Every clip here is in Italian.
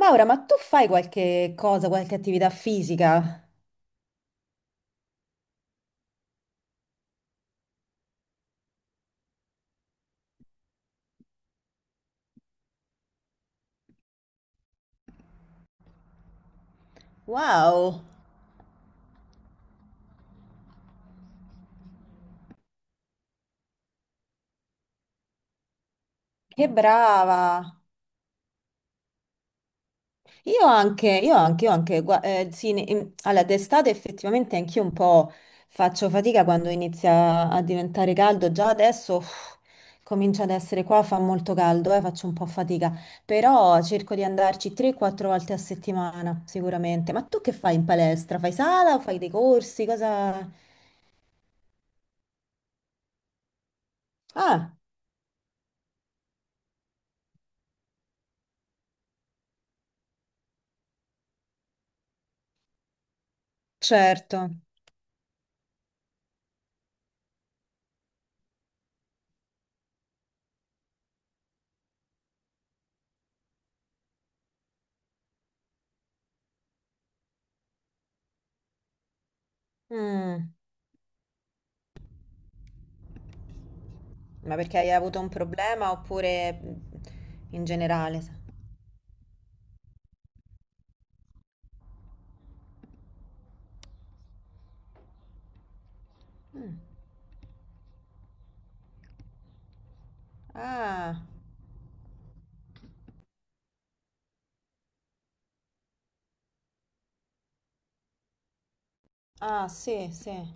Maura, ma tu fai qualche cosa, qualche attività fisica? Wow, che brava! Io anche, io anche, io anche, sì, allora, d'estate effettivamente anch'io un po' faccio fatica quando inizia a diventare caldo, già adesso uff, comincia ad essere qua, fa molto caldo, faccio un po' fatica, però cerco di andarci 3-4 volte a settimana, sicuramente. Ma tu che fai in palestra? Fai sala o fai dei corsi? Cosa... Ah, certo. Mm. Ma perché hai avuto un problema oppure in generale? Mm. Ah, ah, sì, sì.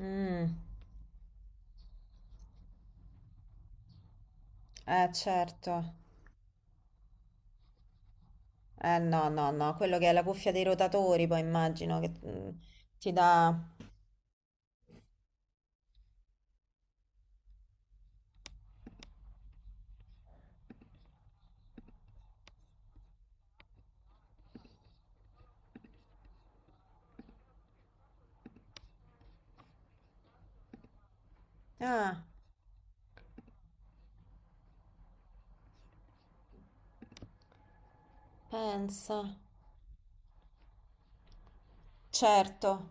Mm. Certo. No, no, no, quello che è la cuffia dei rotatori, poi immagino che ti dà... Ah, pensa. Certo.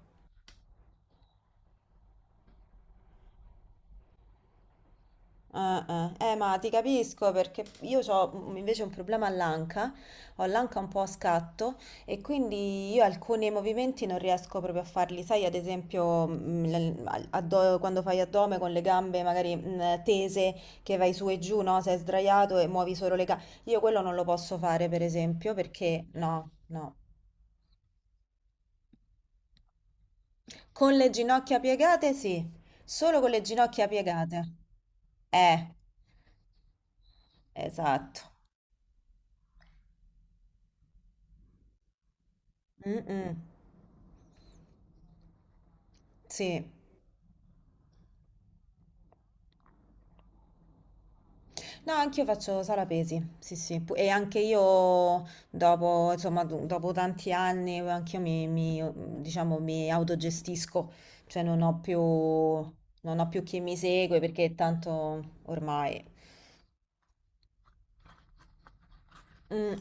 Ma ti capisco perché io ho invece un problema all'anca, ho l'anca un po' a scatto e quindi io alcuni movimenti non riesco proprio a farli, sai, ad esempio quando fai addome con le gambe magari tese che vai su e giù, no? Sei sdraiato e muovi solo le gambe, io quello non lo posso fare per esempio perché no, no. Con le ginocchia piegate sì, solo con le ginocchia piegate. Eh, esatto. Mm-mm. Sì. No, anch'io faccio sala pesi, sì, sì. E anche io dopo, insomma, dopo tanti anni, anch'io diciamo, mi autogestisco, cioè non ho più, non ho più chi mi segue perché tanto ormai... Mm,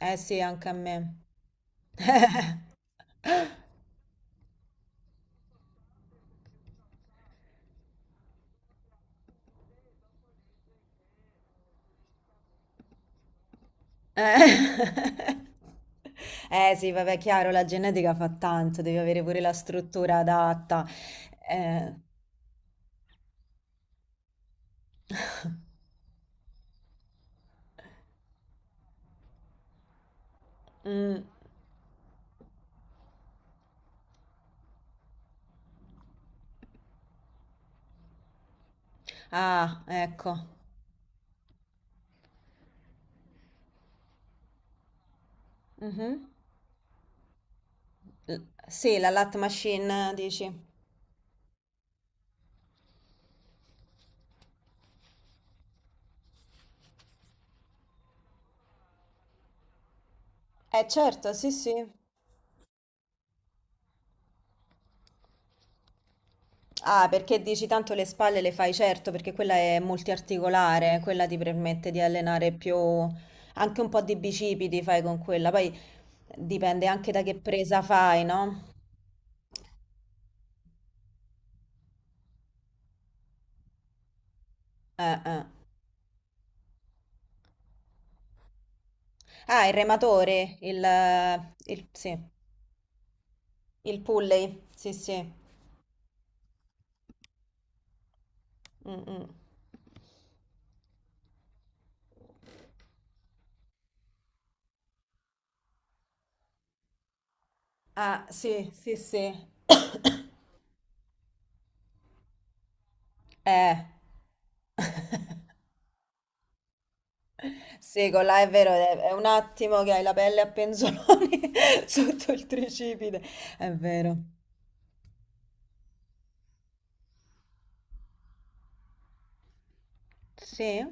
eh sì, anche a me. Eh. Sì, vabbè, chiaro, la genetica fa tanto, devi avere pure la struttura adatta. Eh, mm, ah, ecco. Mhm. L- Sì, la lat machine, dici? Eh certo, sì, sì. Ah, perché dici tanto le spalle le fai, certo, perché quella è multiarticolare, quella ti permette di allenare più, anche un po' di bicipiti fai con quella, poi dipende anche da che presa fai, no? Eh. Ah, il rematore, sì, il pulley, sì, sì. Mm, mm. Ah, sì, sì, sì. Eh. Sì, con là è vero, è un attimo che hai la pelle a penzoloni sotto il tricipite. È vero. Sì?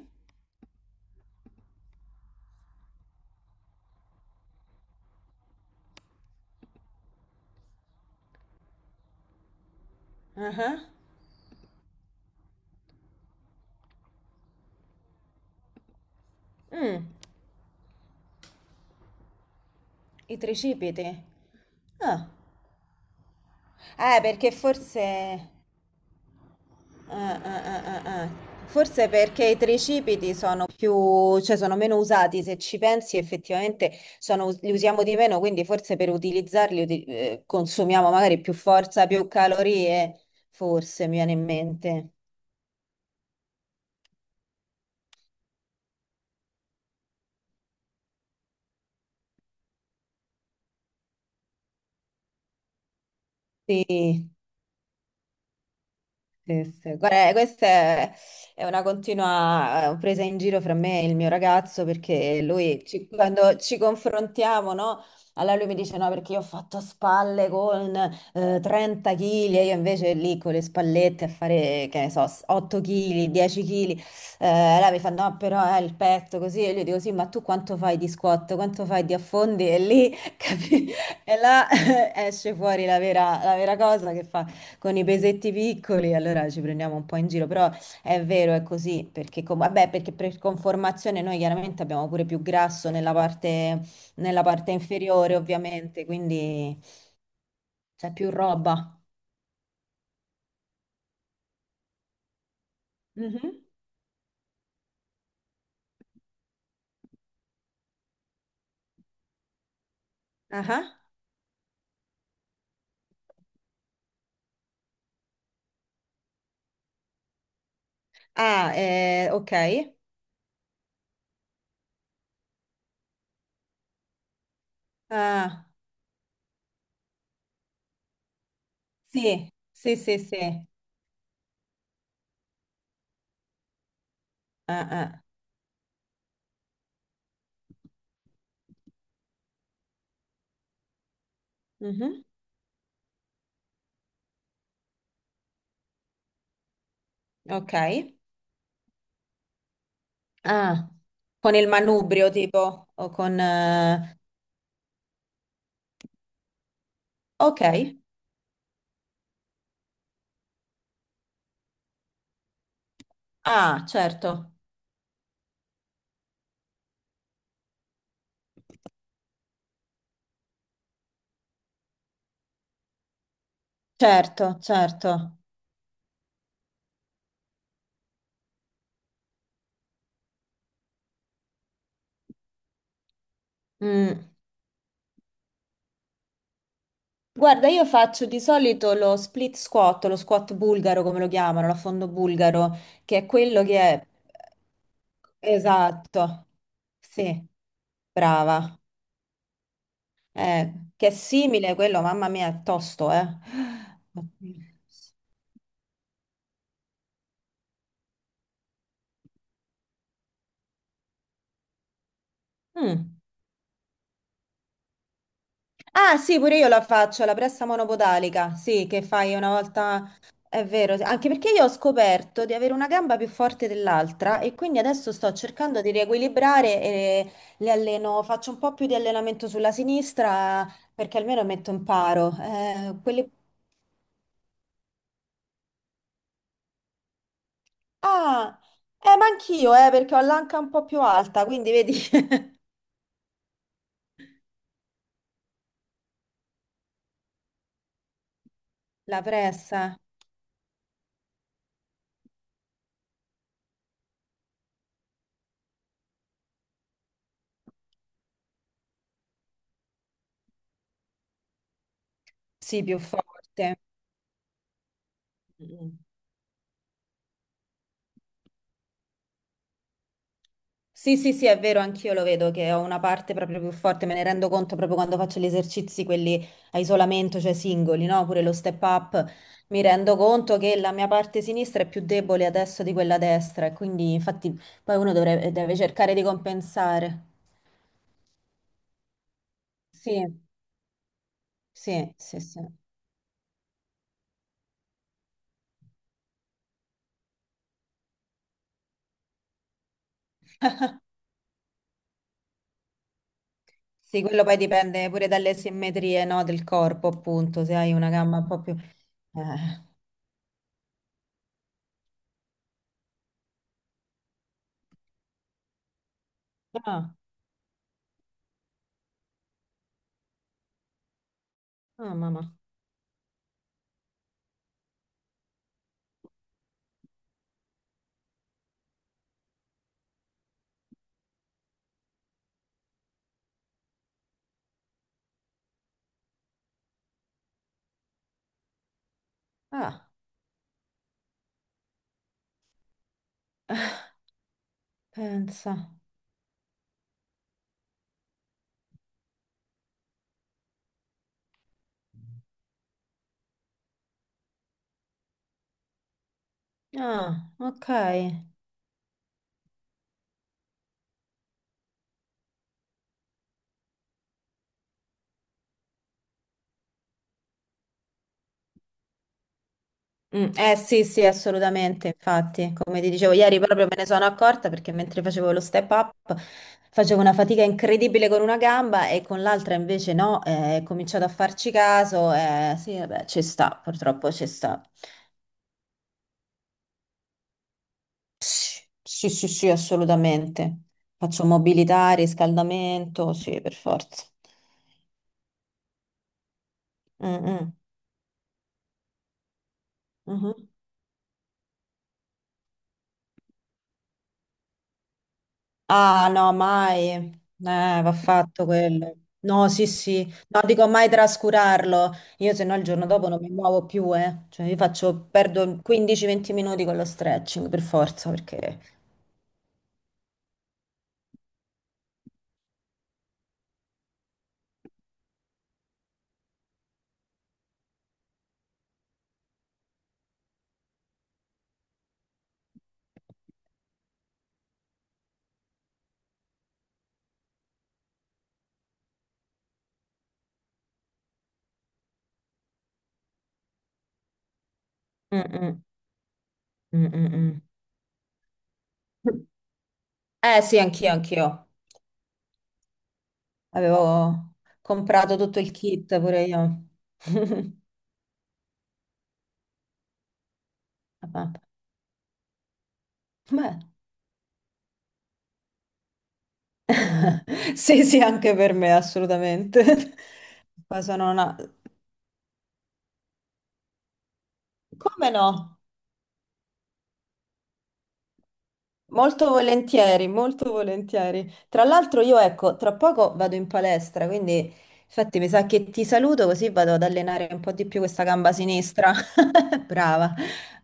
Ah. Mm, i tricipiti. Ah. Perché forse... ah, ah, ah, ah, ah. Forse perché i tricipiti sono più, cioè sono meno usati, se ci pensi effettivamente sono- li usiamo di meno, quindi forse per utilizzarli consumiamo magari più forza, più calorie, forse mi viene in mente. Sì. Sì, sì. Guarda, questa è una continua presa in giro fra me e il mio ragazzo perché lui, quando ci confrontiamo, no? Allora lui mi dice no perché io ho fatto spalle con 30 kg e io invece lì con le spallette a fare, che ne so, 8 kg, 10 kg. Allora mi fa no però il petto così e io dico sì ma tu quanto fai di squat, quanto fai di affondi e lì capi? E là esce fuori la vera cosa che fa con i pesetti piccoli, allora ci prendiamo un po' in giro, però è vero, è così, perché, vabbè, perché per conformazione noi chiaramente abbiamo pure più grasso nella parte inferiore, ovviamente, quindi c'è più roba. Mhm. Ah, ah. Ah, ok. Ah, sì, sì, sì, sì. Ah, ah. Mhm. Ok. Ah, con il manubrio tipo, o con... Ok. Ah, certo, certo, certo. Mm. Guarda, io faccio di solito lo split squat, lo squat bulgaro come lo chiamano, l'affondo bulgaro, che è quello che è... Esatto, sì, brava. Che è simile a quello, mamma mia, è tosto, eh. Mm. Ah, sì, pure io la faccio, la pressa monopodalica, sì, che fai una volta, è vero, sì. Anche perché io ho scoperto di avere una gamba più forte dell'altra e quindi adesso sto cercando di riequilibrare e le alleno, faccio un po' più di allenamento sulla sinistra perché almeno metto in paro. Quelli... Ah, ma anch'io, perché ho l'anca un po' più alta, quindi vedi la pressa, sì, più forte. Sì, sì, sì, è vero, anch'io lo vedo che ho una parte proprio più forte, me ne rendo conto proprio quando faccio gli esercizi, quelli a isolamento, cioè singoli, no? Pure lo step up, mi rendo conto che la mia parte sinistra è più debole adesso di quella destra e quindi infatti poi uno dovrebbe, deve cercare di compensare. Sì, sì, sì, sì. Sì, quello poi dipende pure dalle simmetrie, no, del corpo, appunto, se hai una gamba un po' più.... Ah, ah, mamma. Ah, pensa. Ah, ok. Eh sì, sì, assolutamente, infatti, come ti dicevo ieri proprio me ne sono accorta perché mentre facevo lo step up facevo una fatica incredibile con una gamba e con l'altra invece no, ho cominciato a farci caso e sì, vabbè, ci sta, purtroppo ci sta. Sì, sì, sì, sì, assolutamente. Faccio mobilità, riscaldamento, sì, per forza. Mm, mm, mhm. Ah, no, mai. Va fatto quello. No, sì, sì. No, dico mai trascurarlo. Io se no il giorno dopo non mi muovo più, eh. Cioè, io faccio, perdo 15-20 minuti con lo stretching, per forza, perché... Mm, mm, mm, mm, mm. Sì, anch'io, anch'io. Avevo comprato tutto il kit, pure io. Vabbè. Beh, sì, sì, anche per me, assolutamente. Poi sono una... Come no? Molto volentieri, molto volentieri. Tra l'altro io ecco, tra poco vado in palestra, quindi infatti mi sa che ti saluto così vado ad allenare un po' di più questa gamba sinistra. Brava,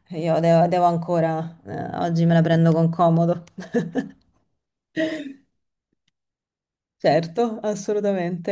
io devo, devo ancora, oggi me la prendo con comodo. Certo, assolutamente.